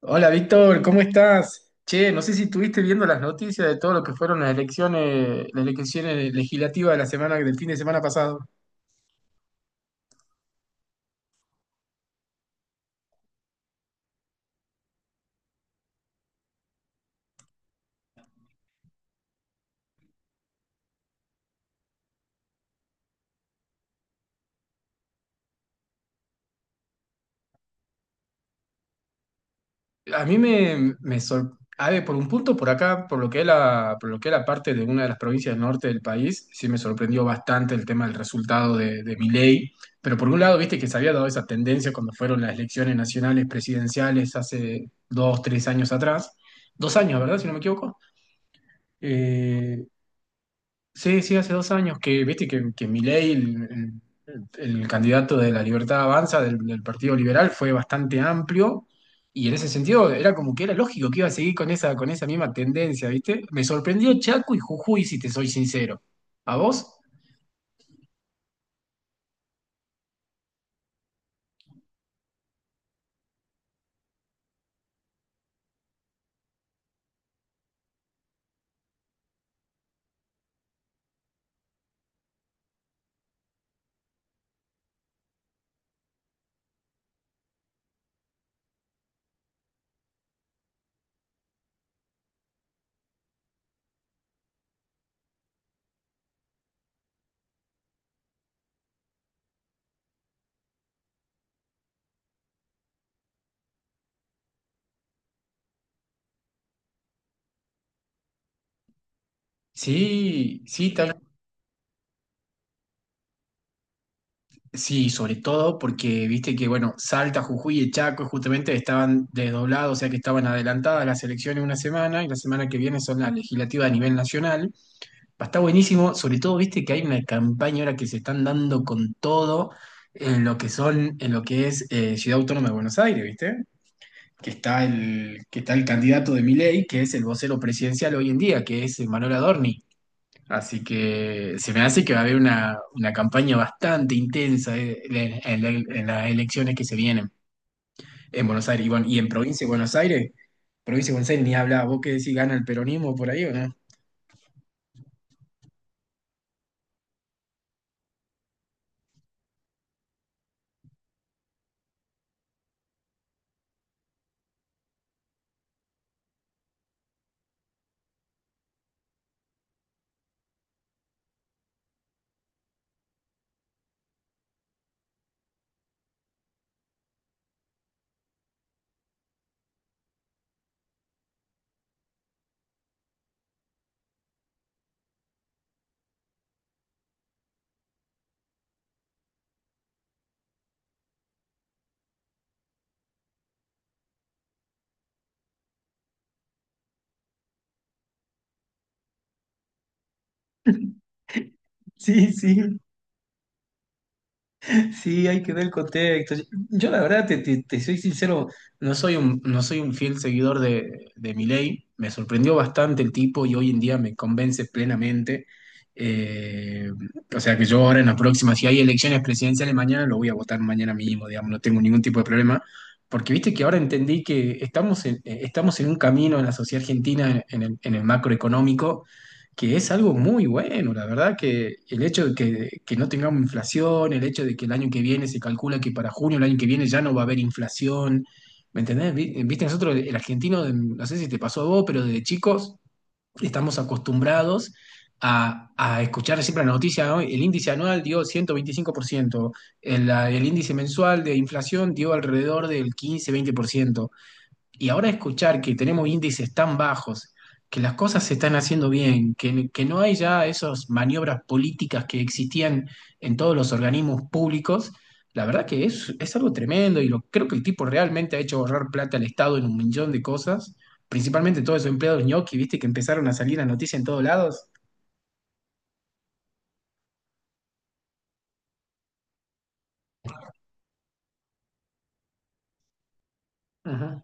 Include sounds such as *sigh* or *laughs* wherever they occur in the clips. Hola Víctor, ¿cómo estás? Che, no sé si estuviste viendo las noticias de todo lo que fueron las elecciones legislativas de la semana, del fin de semana pasado. A mí me, me sor- A ver, por un punto por acá, por lo que es la, por lo que es la parte de una de las provincias del norte del país, sí me sorprendió bastante el tema del resultado de Milei. Pero por un lado, viste que se había dado esa tendencia cuando fueron las elecciones nacionales presidenciales hace dos, tres años atrás. Dos años, ¿verdad? Si no me equivoco. Eh, Sí, sí, hace dos años que, viste, que Milei, el- el candidato de la Libertad Avanza del Partido Liberal, fue bastante amplio y en ese sentido era como que era lógico que iba a seguir con esa misma tendencia, viste. Me sorprendió Chaco y Jujuy, si te soy sincero. ¿A vos? Sí, sí, tal. Sí, sobre todo porque, viste, que bueno, Salta, Jujuy y Chaco justamente estaban desdoblados, o sea que estaban adelantadas las elecciones una semana y la semana que viene son las legislativas a nivel nacional. Va Está buenísimo, sobre todo, viste que hay una campaña ahora que se están dando con todo en lo que son, en lo que es Ciudad Autónoma de Buenos Aires, ¿viste? Que está el candidato de Milei, que es el vocero presidencial hoy en día, que es Manuel Adorni. Así que se me hace que va a haber una campaña bastante intensa en, en las elecciones que se vienen en Buenos Aires. Y bueno, y en provincia de Buenos Aires, provincia de Buenos Aires ni habla, vos qué decís, ¿gana el peronismo por ahí o no? *laughs* Sí, sí. Sí, hay que ver el contexto. Yo la verdad, te soy sincero, no soy un, no soy un fiel seguidor de Milei. Me sorprendió bastante el tipo y hoy en día me convence plenamente. Eh, o sea que yo ahora en la próxima, si hay elecciones presidenciales mañana, lo voy a votar mañana mismo, digamos, no tengo ningún tipo de problema. Porque viste que ahora entendí que estamos en, estamos en un camino en la sociedad argentina, en el macroeconómico, que es algo muy bueno, la verdad, que el hecho de que no tengamos inflación, el hecho de que el año que viene se calcula que para junio el año que viene ya no va a haber inflación, ¿me entendés? Viste, nosotros, el argentino, no sé si te pasó a vos, pero desde chicos estamos acostumbrados a escuchar siempre la noticia, ¿no? El índice anual dio 125%, el índice mensual de inflación dio alrededor del 15-20%. Y ahora escuchar que tenemos índices tan bajos, que las cosas se están haciendo bien, que no hay ya esas maniobras políticas que existían en todos los organismos públicos, la verdad que es algo tremendo y lo, creo que el tipo realmente ha hecho ahorrar plata al Estado en un millón de cosas, principalmente todos esos empleados ñoqui, viste, que empezaron a salir a noticias en todos lados. Ajá.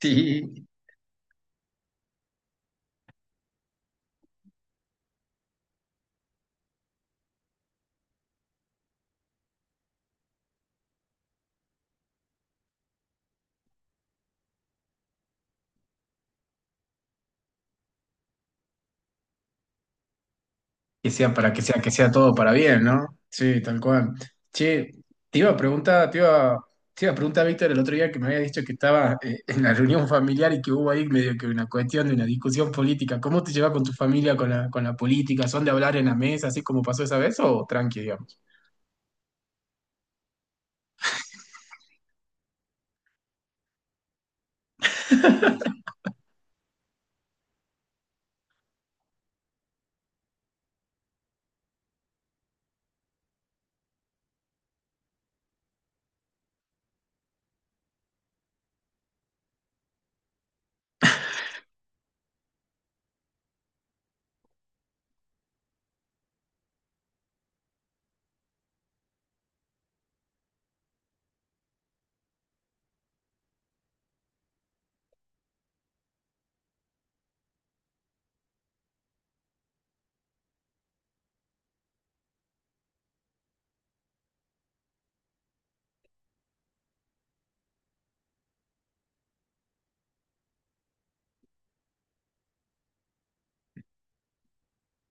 Sí. Que sea para que sea todo para bien, ¿no? Sí, tal cual. Che, te iba a preguntar, te iba a preguntar, Víctor, el otro día que me había dicho que estaba *laughs* en la reunión familiar y que hubo ahí medio que una cuestión de una discusión política. ¿Cómo te llevas con tu familia con la política? ¿Son de hablar en la mesa, así como pasó esa vez, o tranqui, digamos?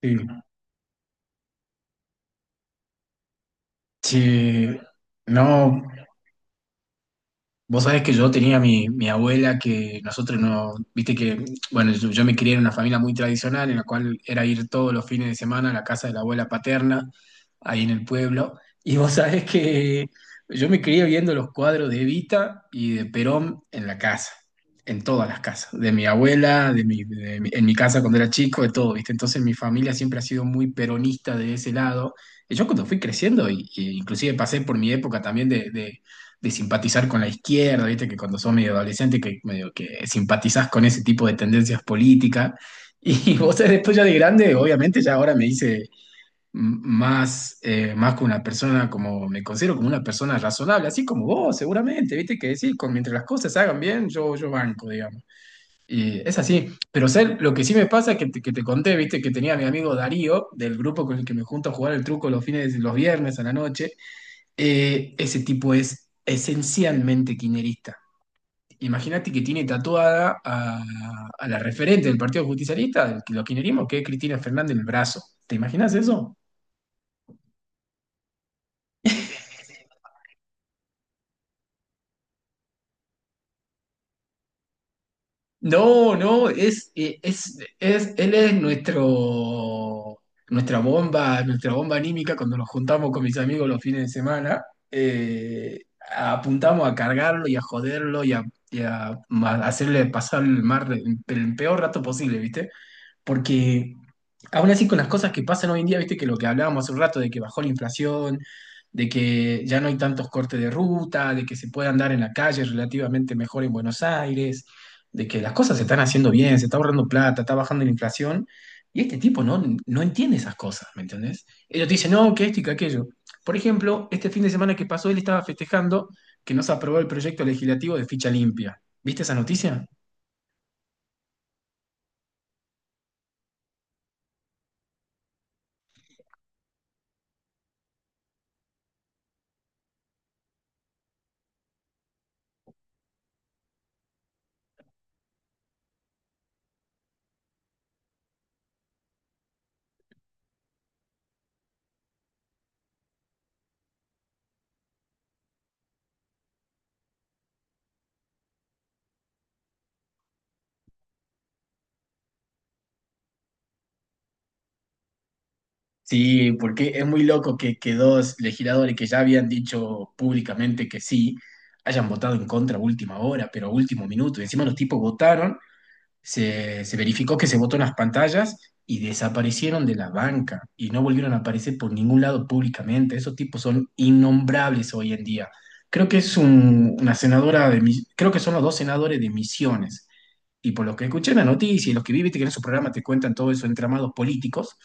Sí. Che, no. Vos sabés que yo tenía mi, mi abuela que nosotros no, viste que, bueno, yo me crié en una familia muy tradicional en la cual era ir todos los fines de semana a la casa de la abuela paterna, ahí en el pueblo. Y vos sabés que yo me crié viendo los cuadros de Evita y de Perón en la casa, en todas las casas, de mi abuela, en mi casa cuando era chico, de todo, viste. Entonces mi familia siempre ha sido muy peronista de ese lado. Y yo cuando fui creciendo, y inclusive pasé por mi época también de... de simpatizar con la izquierda, viste que cuando sos medio adolescente que medio que simpatizás con ese tipo de tendencias políticas. Y *laughs* vos sabés, después ya de grande, obviamente ya ahora me hice más, más que una persona, como me considero como una persona razonable, así como vos seguramente, viste que decís, con, mientras las cosas se hagan bien, yo banco, digamos. Y es así, pero sé, lo que sí me pasa es que te conté, viste, que tenía a mi amigo Darío, del grupo con el que me junto a jugar el truco los fines, los viernes a la noche, ese tipo es esencialmente kirchnerista. Imagínate que tiene tatuada a la referente del Partido Justicialista, del, los kirchnerismo, que es Cristina Fernández, en el brazo. ¿Te imaginas eso? No, no, es, es, él es nuestro, nuestra bomba anímica cuando nos juntamos con mis amigos los fines de semana. eh, Apuntamos a cargarlo y a joderlo hacerle pasar el peor rato posible, ¿viste? Porque aún así con las cosas que pasan hoy en día, viste, que lo que hablábamos hace un rato de que bajó la inflación, de que ya no hay tantos cortes de ruta, de que se puede andar en la calle relativamente mejor en Buenos Aires, de que las cosas se están haciendo bien, se está ahorrando plata, está bajando la inflación. Y este tipo no, no entiende esas cosas, ¿me entendés? Ellos te dicen, no, que esto y que aquello. Por ejemplo, este fin de semana que pasó, él estaba festejando que no se aprobó el proyecto legislativo de ficha limpia. ¿Viste esa noticia? Sí, porque es muy loco que dos legisladores que ya habían dicho públicamente que sí, hayan votado en contra a última hora, pero a último minuto. Y encima los tipos votaron, se verificó que se votó en las pantallas y desaparecieron de la banca y no volvieron a aparecer por ningún lado públicamente. Esos tipos son innombrables hoy en día. Creo que es una senadora de, creo que son los dos senadores de Misiones. Y por lo que escuché en la noticia y los que viviste que en esos programas te cuentan todo eso, entramados políticos,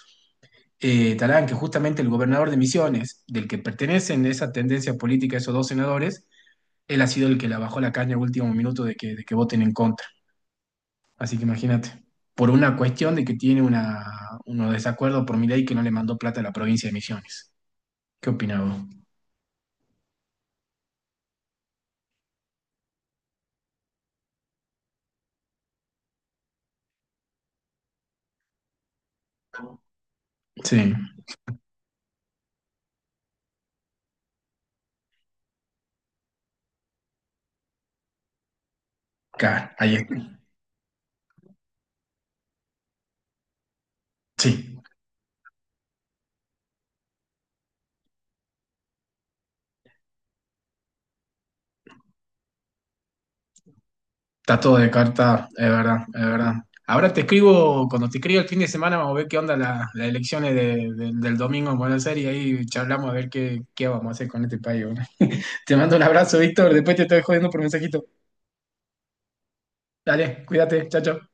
Talán, que justamente el gobernador de Misiones, del que pertenecen esa tendencia política esos dos senadores, él ha sido el que la bajó la caña al último minuto de que voten en contra. Así que imagínate, por una cuestión de que tiene una, unos desacuerdos por mi que no le mandó plata a la provincia de Misiones. ¿Qué opinás vos? Sí, claro, ahí es. Sí, está todo de carta, es verdad, es verdad. Ahora te escribo, cuando te escribo el fin de semana, vamos a ver qué onda las elecciones del domingo en Buenos Aires y ahí charlamos a ver qué, qué vamos a hacer con este país, ¿no? Te mando un abrazo, Víctor. Después te estoy jodiendo por mensajito. Dale, cuídate. Chao, chao.